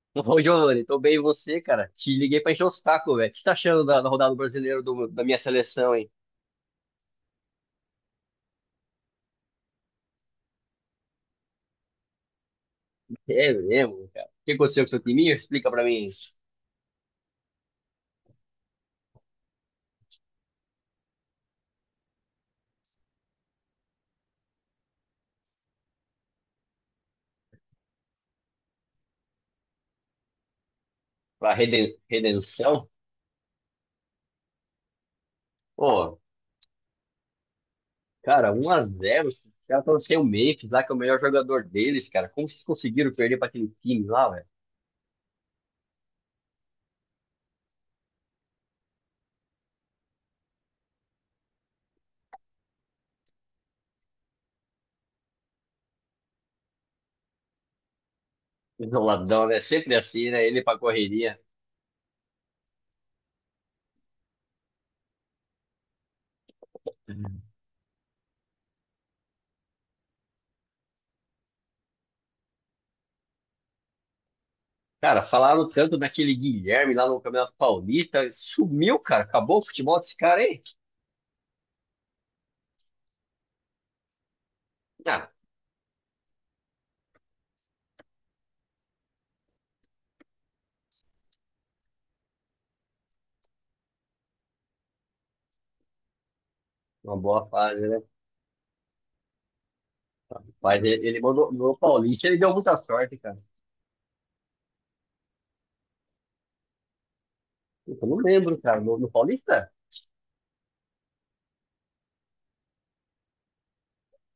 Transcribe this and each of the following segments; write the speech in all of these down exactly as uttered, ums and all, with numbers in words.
Ô, Giovanni, tô bem e você, cara? Te liguei pra encher o saco, velho. O que você tá achando da, da rodada brasileira do- da minha seleção, hein? É mesmo, cara. O que aconteceu com o seu time? Explica pra mim. Pra reden- redenção? Pô, cara, um a zero. Os caras estão sem o Memphis lá, que é o melhor jogador deles, cara. Como vocês conseguiram perder pra aquele time lá, velho? Não, Ladrão, né? Sempre assim, né? Ele pra correria. Cara, falaram tanto daquele Guilherme lá no Campeonato Paulista. Sumiu, cara. Acabou o futebol desse cara, hein? Ah, uma boa fase, né? Mas ele, ele mandou no Paulista, ele deu muita sorte, cara. Puta, eu não lembro, cara. No, no Paulista?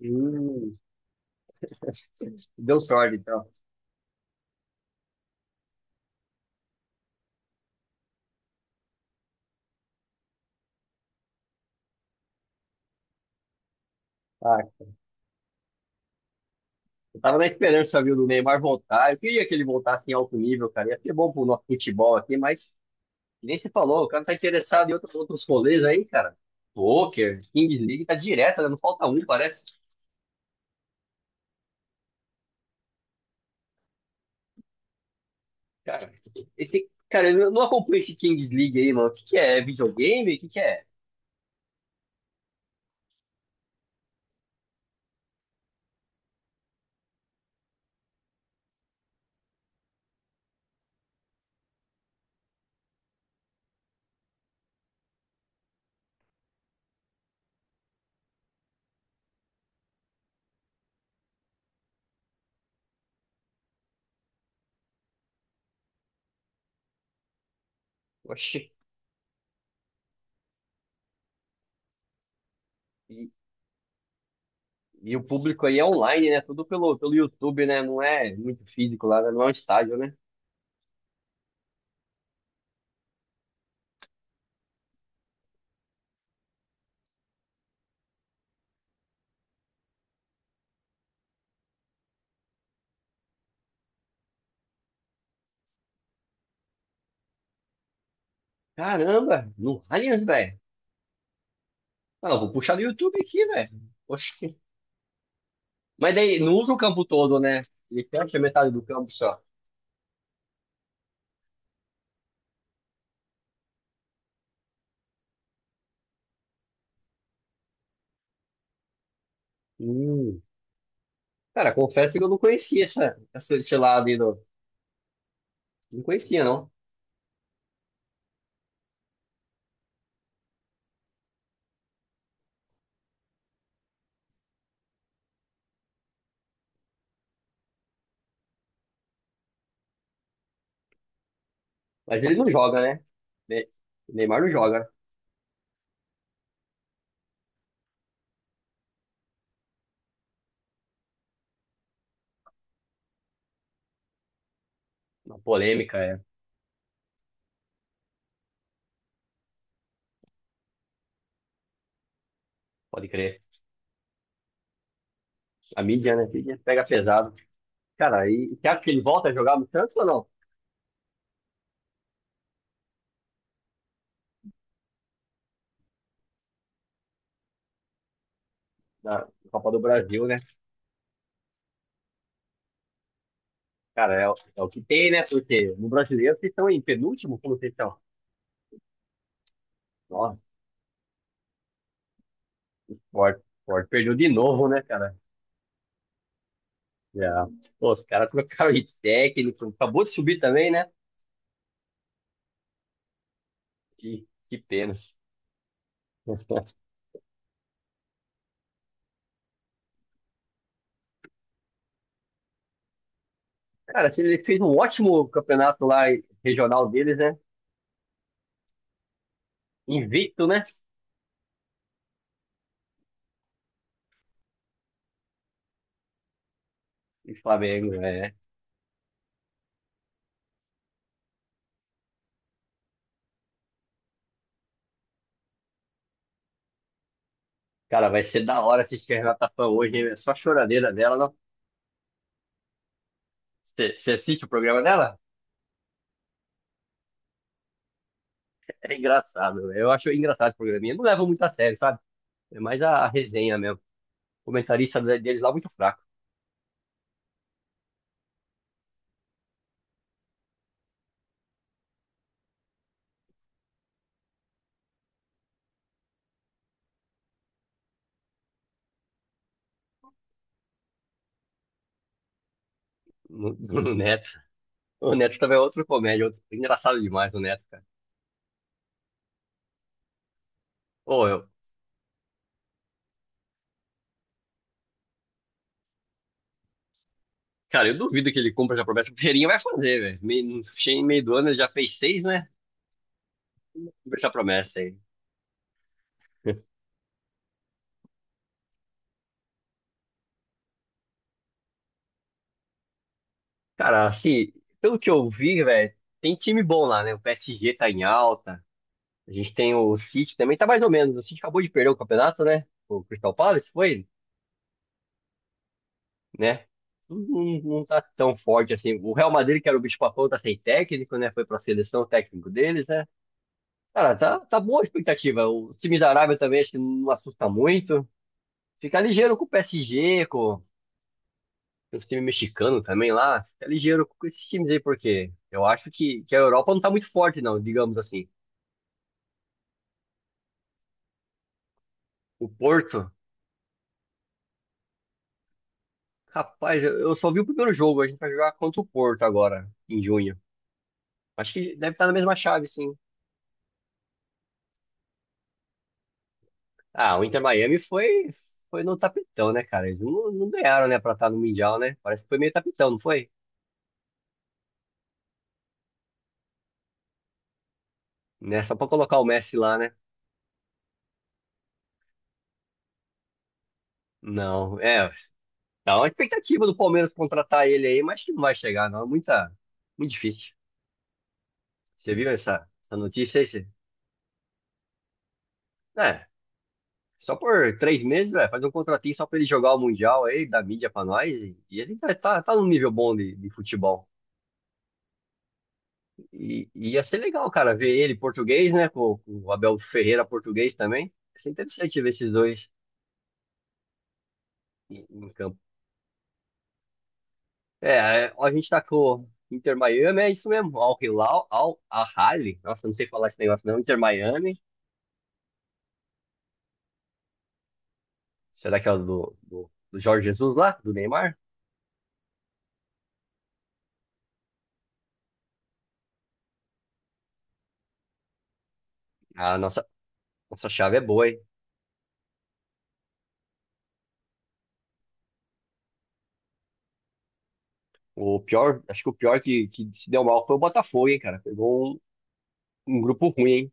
Hum, deu sorte, então. Ah, eu tava na esperança, viu, do Neymar voltar. Eu queria que ele voltasse em alto nível, cara. Ia ser bom pro nosso futebol aqui, mas nem se falou. O cara tá interessado em outros, outros rolês aí, cara. Poker, Kings League, tá direto, né? Não falta um, parece. Cara, esse, cara, eu não acompanho esse Kings League aí, mano. O que que é? É videogame? O que que é? Oxi. E o público aí é online, né? Tudo pelo, pelo YouTube, né? Não é muito físico lá, né? Não é um estádio, né? Caramba, no Allianz, velho. Ah, eu vou puxar no YouTube aqui, velho. Oxi. Mas daí, não usa o campo todo, né? Ele fecha metade do campo só. Hum. Cara, confesso que eu não conhecia essa, essa, esse lado aí. do- Não conhecia, não. Mas ele não joga, né? Ne- Neymar não joga. Uma polêmica, é. Pode crer. A mídia, né? A mídia pega pesado. Cara, e você acha que ele volta a jogar no Santos ou não? Na Copa do Brasil, né? Cara, é, o é o que tem, né? Porque no brasileiro vocês estão em penúltimo, como vocês estão? Nossa, Sport, Sport perdeu de novo, né, cara? Já. Pô, os caras trocaram de técnico, acabou de subir também, né? Que, que pena. Cara, assim, ele fez um ótimo campeonato lá regional deles, né? Invicto, né? E Flamengo, é. Cara, vai ser da hora assistir a Renata Fã hoje, hein? É só choradeira dela, não? Você assiste o programa dela? É engraçado, eu acho engraçado esse programinha. Não leva muito a sério, sabe? É mais a a resenha mesmo. Comentarista deles lá muito fraco. No, no Neto. O Neto também é outro comédia, outro... engraçado demais o Neto, cara. Ô, eu... Cara, eu duvido que ele cumpra essa promessa. O Ferreirinha vai fazer, velho. Meio- No fim- Em meio do ano ele já fez seis, né? Cumpre essa promessa aí. Cara, assim, pelo que eu vi, velho, tem time bom lá, né? O P S G tá em alta. A gente tem o City também, tá mais ou menos. O City acabou de perder o campeonato, né? O Crystal Palace, foi? Né? Não, não tá tão forte assim. O Real Madrid, que era o bicho-papão, tá sem técnico, né? Foi pra seleção o técnico deles, né? Cara, tá, tá boa a expectativa. O time da Arábia também acho que não assusta muito. Fica ligeiro com o P S G, com os times mexicanos também lá. Fica ligeiro com esses times aí, porque eu acho que, que a Europa não tá muito forte, não, digamos assim. O Porto, rapaz, eu, eu só vi o primeiro jogo. A gente vai jogar contra o Porto agora, em junho. Acho que deve estar na mesma chave, sim. Ah, o Inter Miami foi, foi no tapetão, né, cara? Eles não, não ganharam, né, pra estar no Mundial, né? Parece que foi meio tapetão, não foi? Né? Só pra colocar o Messi lá, né? Não, é. Tá uma expectativa do Palmeiras contratar ele aí, mas que não vai chegar, não. É muita, muito difícil. Você viu essa, essa notícia aí? Você... É, só por três meses, velho, fazer um contratinho só pra ele jogar o Mundial aí, da mídia pra nós, e, e ele tá, tá, tá num nível bom de, de futebol. E e ia ser legal, cara, ver ele português, né? Com, com o Abel Ferreira português também. Ia ser interessante ver esses dois em, em campo. É, é, ó, a gente tá com o Inter Miami, é isso mesmo. Al Hilal, Al Ahly. Nossa, não sei falar esse negócio não. Inter Miami. Será que é o do, do, do Jorge Jesus lá, do Neymar? A nossa, nossa chave é boa, hein? O pior, acho que o pior que, que se deu mal foi o Botafogo, hein, cara. Pegou um, um grupo ruim, hein?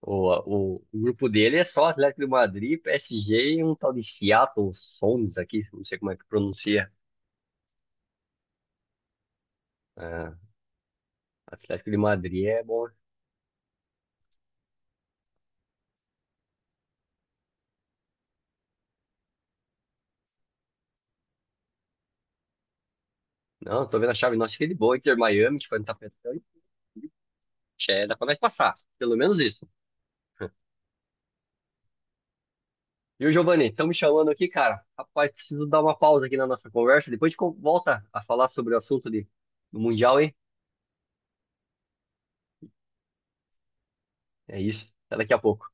O, o, o grupo dele é só Atlético de Madrid, P S G e um tal de Seattle Sounders aqui, não sei como é que pronuncia. Ah, Atlético de Madrid é bom. Não, tô vendo a chave nossa fica de boa, Inter Miami, que foi no tapetão, e tchê, dá pra nós passar, pelo menos isso. E o Giovanni, estão me chamando aqui, cara. Rapaz, preciso dar uma pausa aqui na nossa conversa, depois a gente co- volta a falar sobre o assunto de, do Mundial, hein? É isso, até daqui a pouco.